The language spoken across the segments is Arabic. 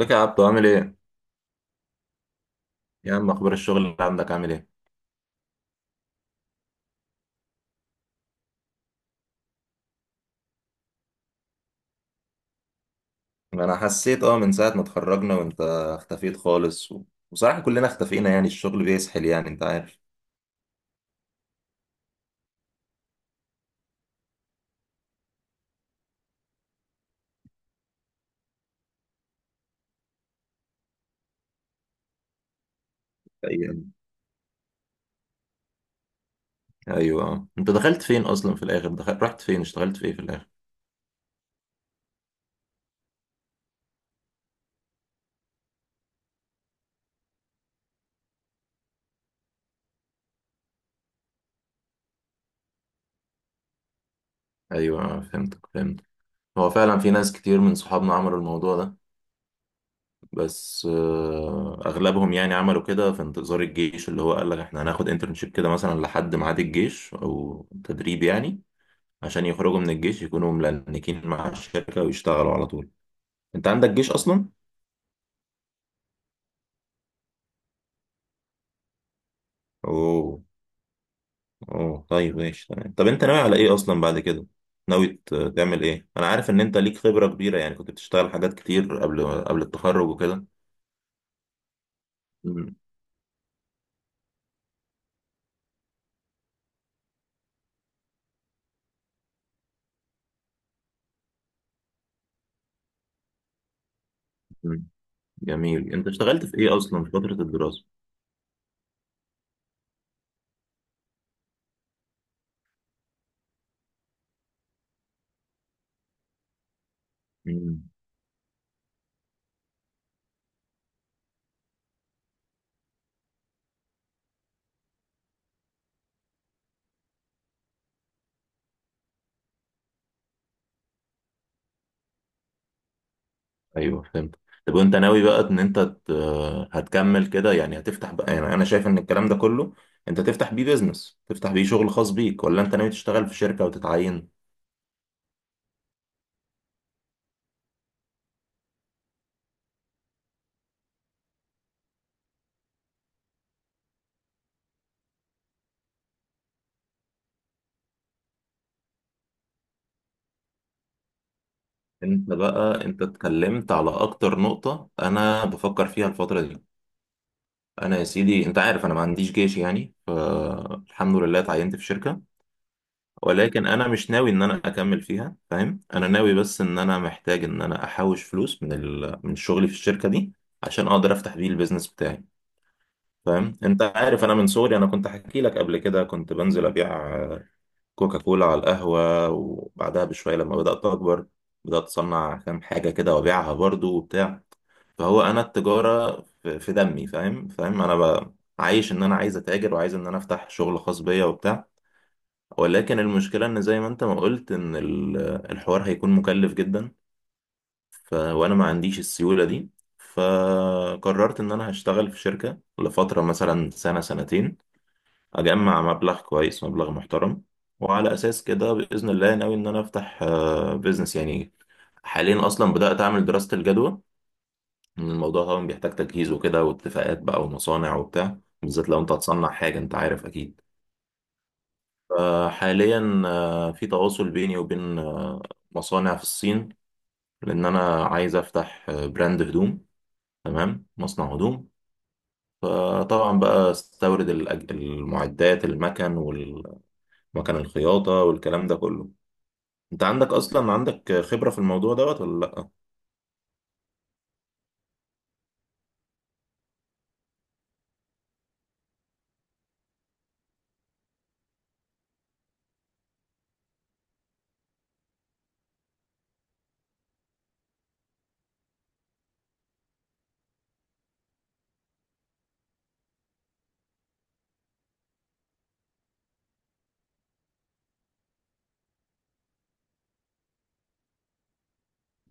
ازيك يا عبدو، عامل ايه؟ يا عم، اخبار الشغل اللي عندك عامل ايه؟ انا حسيت من ساعة ما اتخرجنا وانت اختفيت خالص وصراحة كلنا اختفينا، يعني الشغل بيسحل، يعني انت عارف. ايوه، ايوه، اه. انت دخلت فين اصلا في الاخر؟ رحت فين؟ اشتغلت في ايه في الاخر؟ ايوه اه، فهمتك، فهمت. هو فعلا في ناس كتير من صحابنا عملوا الموضوع ده، بس اغلبهم يعني عملوا كده في انتظار الجيش، اللي هو قال لك احنا هناخد انترنشيب كده مثلا لحد ميعاد الجيش او تدريب، يعني عشان يخرجوا من الجيش يكونوا ملنكين مع الشركة ويشتغلوا على طول. انت عندك جيش اصلا؟ اوه، اوه طيب، ماشي تمام. طب انت ناوي على ايه اصلا بعد كده؟ ناوي تعمل ايه؟ انا عارف ان انت ليك خبرة كبيرة، يعني كنت بتشتغل حاجات كتير قبل التخرج وكده. مم. مم. جميل. انت اشتغلت في ايه اصلا في فترة الدراسة؟ ايوه، فهمت. طب وانت ناوي بقى ان انت هتكمل كده يعني، هتفتح بقى، يعني انا شايف ان الكلام ده كله انت تفتح بيه بيزنس، تفتح بيه شغل خاص بيك، ولا انت ناوي تشتغل في شركة وتتعين؟ انت بقى، انت اتكلمت على اكتر نقطة انا بفكر فيها الفترة دي. انا يا سيدي، انت عارف انا ما عنديش جيش يعني، فالحمد لله اتعينت في شركة. ولكن انا مش ناوي ان انا اكمل فيها، فاهم؟ انا ناوي بس ان انا محتاج ان انا احوش فلوس من شغلي في الشركة دي عشان اقدر افتح بيه البيزنس بتاعي. فاهم؟ انت عارف انا من صغري، انا كنت احكي لك قبل كده، كنت بنزل ابيع كوكا كولا على القهوه، وبعدها بشويه لما بدات اكبر بدات اصنع كام حاجه كده وابيعها برضو وبتاع. فهو انا التجاره في دمي، فاهم انا عايش ان انا عايز اتاجر وعايز ان انا افتح شغل خاص بيا وبتاع. ولكن المشكله ان زي ما انت ما قلت ان الحوار هيكون مكلف جدا. وانا ما عنديش السيوله دي. فقررت ان انا هشتغل في شركه لفتره، مثلا سنه، سنتين، اجمع مبلغ كويس، مبلغ محترم، وعلى اساس كده باذن الله ناوي ان انا افتح بيزنس يعني. حاليا اصلا بدات اعمل دراسه الجدوى. إن الموضوع طبعا بيحتاج تجهيز وكده، واتفاقات بقى، ومصانع وبتاع، بالذات لو انت هتصنع حاجه انت عارف اكيد. فحاليا في تواصل بيني وبين مصانع في الصين، لان انا عايز افتح براند هدوم، تمام، مصنع هدوم. فطبعا بقى استورد المعدات، المكن والمكن الخياطة والكلام ده كله. انت عندك اصلا عندك خبرة في الموضوع دوت ولا لا؟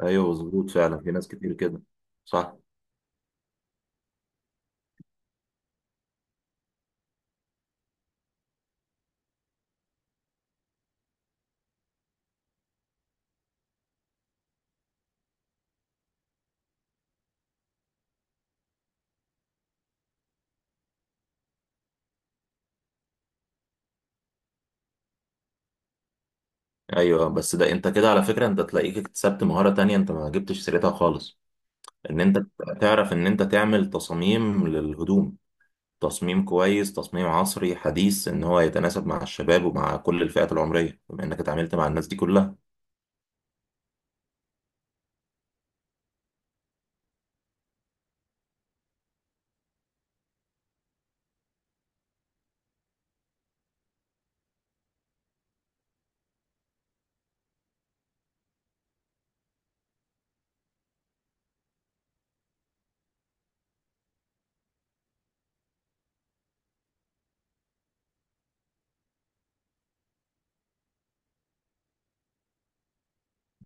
ايوه، مظبوط، فعلا في ناس كتير كده. صح. ايوه، بس ده انت كده على فكرة انت تلاقيك اكتسبت مهارة تانية، انت ما جبتش سيرتها خالص. ان انت تعرف ان انت تعمل تصاميم للهدوم، تصميم كويس، تصميم عصري حديث، ان هو يتناسب مع الشباب ومع كل الفئات العمرية، بما انك اتعاملت مع الناس دي كلها.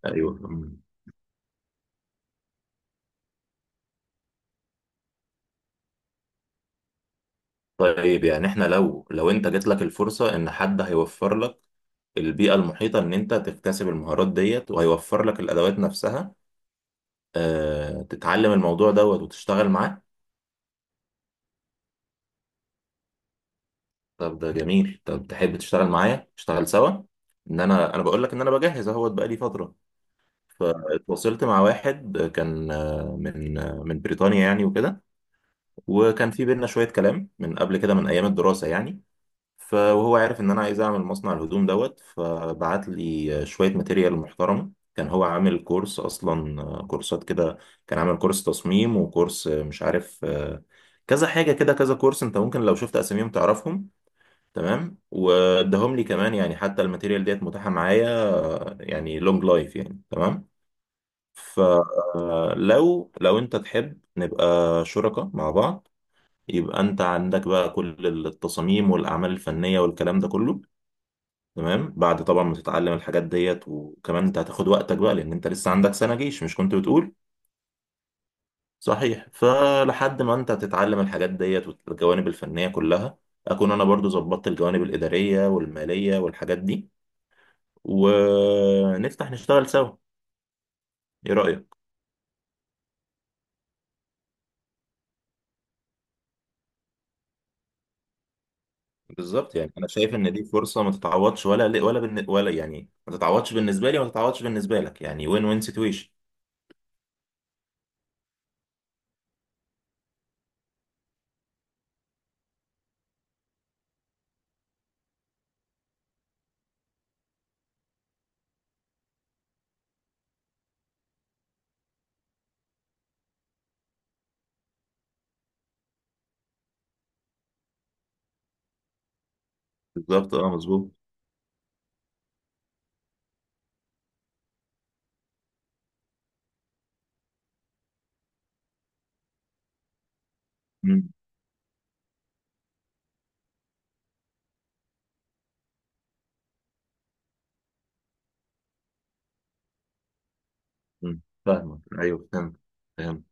ايوه. طيب، يعني احنا لو انت جات لك الفرصة ان حد هيوفر لك البيئة المحيطة ان انت تكتسب المهارات ديت، وهيوفر لك الادوات نفسها، اه تتعلم الموضوع دوت وتشتغل معاه. طب ده جميل. طب تحب تشتغل معايا، نشتغل سوا؟ ان انا بقول لك ان انا بجهز اهوت بقالي فترة. فاتواصلت مع واحد كان من بريطانيا يعني وكده. وكان في بينا شوية كلام من قبل كده من ايام الدراسة يعني. وهو عارف ان انا عايز اعمل مصنع الهدوم دوت، فبعت لي شويه ماتيريال محترمه. كان هو عامل كورس اصلا، كورسات كده. كان عامل كورس تصميم، وكورس مش عارف كذا حاجه كده، كذا كورس انت ممكن لو شفت اساميهم تعرفهم. تمام، واداهم لي كمان يعني، حتى الماتيريال ديت متاحه معايا يعني لونج لايف يعني، تمام. فلو انت تحب نبقى شركاء مع بعض، يبقى انت عندك بقى كل التصاميم والاعمال الفنيه والكلام ده كله، تمام، بعد طبعا ما تتعلم الحاجات ديت. وكمان انت هتاخد وقتك بقى، لان انت لسه عندك سنة جيش، مش كنت بتقول؟ صحيح. فلحد ما انت تتعلم الحاجات ديت والجوانب الفنية كلها، اكون انا برضو ظبطت الجوانب الإدارية والمالية والحاجات دي، ونفتح نشتغل سوا. ايه رأيك؟ بالظبط، يعني انا شايف ان دي فرصة ما تتعوضش، ولا يعني ما تتعوضش بالنسبة لي، وما تتعوضش بالنسبة لك، يعني وين وين سيتويشن. بالظبط، اه، مظبوط. مم. مم. فاهمك، ايوه فهمت. فهمت.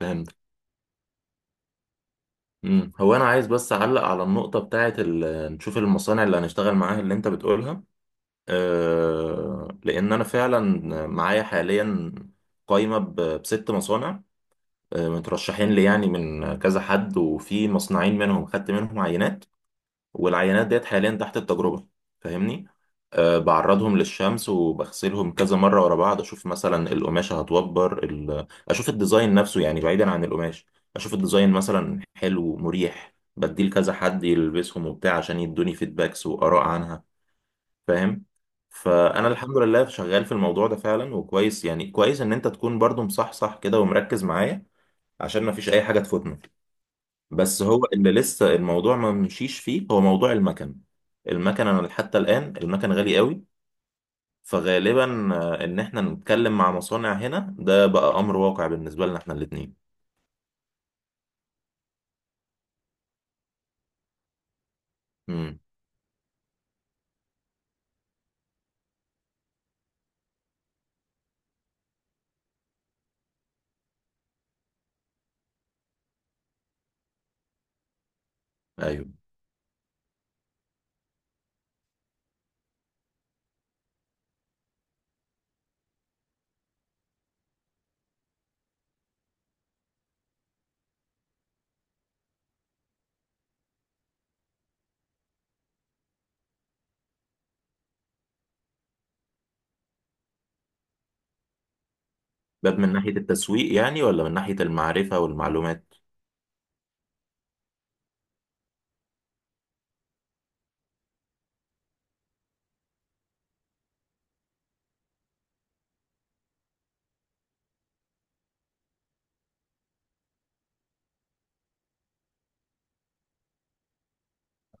فهمت. مم. هو انا عايز بس اعلق على النقطه بتاعه نشوف المصانع اللي هنشتغل معاها اللي انت بتقولها. أه، لان انا فعلا معايا حاليا قايمه بست مصانع مترشحين لي يعني من كذا حد، وفي مصنعين منهم خدت منهم عينات، والعينات ديت حاليا تحت التجربة. فاهمني؟ أه بعرضهم للشمس، وبغسلهم كذا مرة ورا بعض، أشوف مثلا القماشة هتوبر أشوف الديزاين نفسه يعني بعيدا عن القماش، أشوف الديزاين مثلا حلو مريح، بديه لكذا حد يلبسهم وبتاع عشان يدوني فيدباكس وآراء عنها، فاهم؟ فأنا الحمد لله شغال في الموضوع ده فعلا، وكويس يعني كويس إن أنت تكون برضو مصحصح كده ومركز معايا، عشان مفيش أي حاجة تفوتنا. بس هو اللي لسه الموضوع ما مشيش فيه هو موضوع المكن. المكن انا حتى الان المكن غالي قوي. فغالبا ان احنا نتكلم مع مصانع هنا ده بقى امر واقع بالنسبه لنا احنا الاثنين. امم. ايوه، باب من ناحيه التسويق يعني، ولا من ناحيه المعرفه والمعلومات؟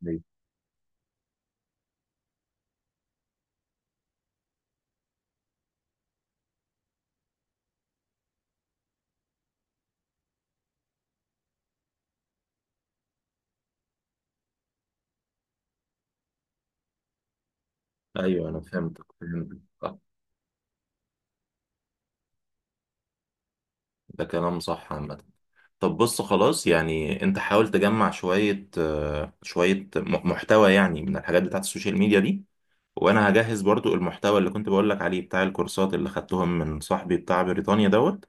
ايوه، ايوه، انا فهمتك، ده كلام صح عامه. طب بص، خلاص يعني، انت حاول تجمع شويه محتوى يعني من الحاجات بتاعت السوشيال ميديا دي. وانا هجهز برضو المحتوى اللي كنت بقولك عليه بتاع الكورسات اللي خدتهم من صاحبي بتاع بريطانيا دوت.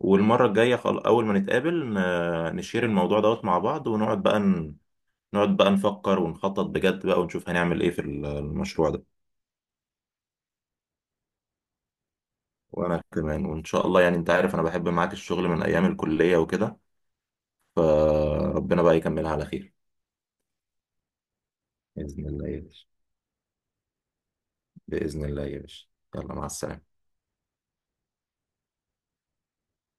والمرة الجاية اول ما نتقابل نشير الموضوع دوت مع بعض، ونقعد بقى ن... نقعد بقى نفكر ونخطط بجد بقى، ونشوف هنعمل ايه في المشروع ده. وانا كمان، وان شاء الله، يعني انت عارف انا بحب معاك الشغل من ايام الكلية وكده، فربنا بقى يكملها على خير. بإذن الله يا باشا. بإذن الله يا باشا. يلا، مع السلامة.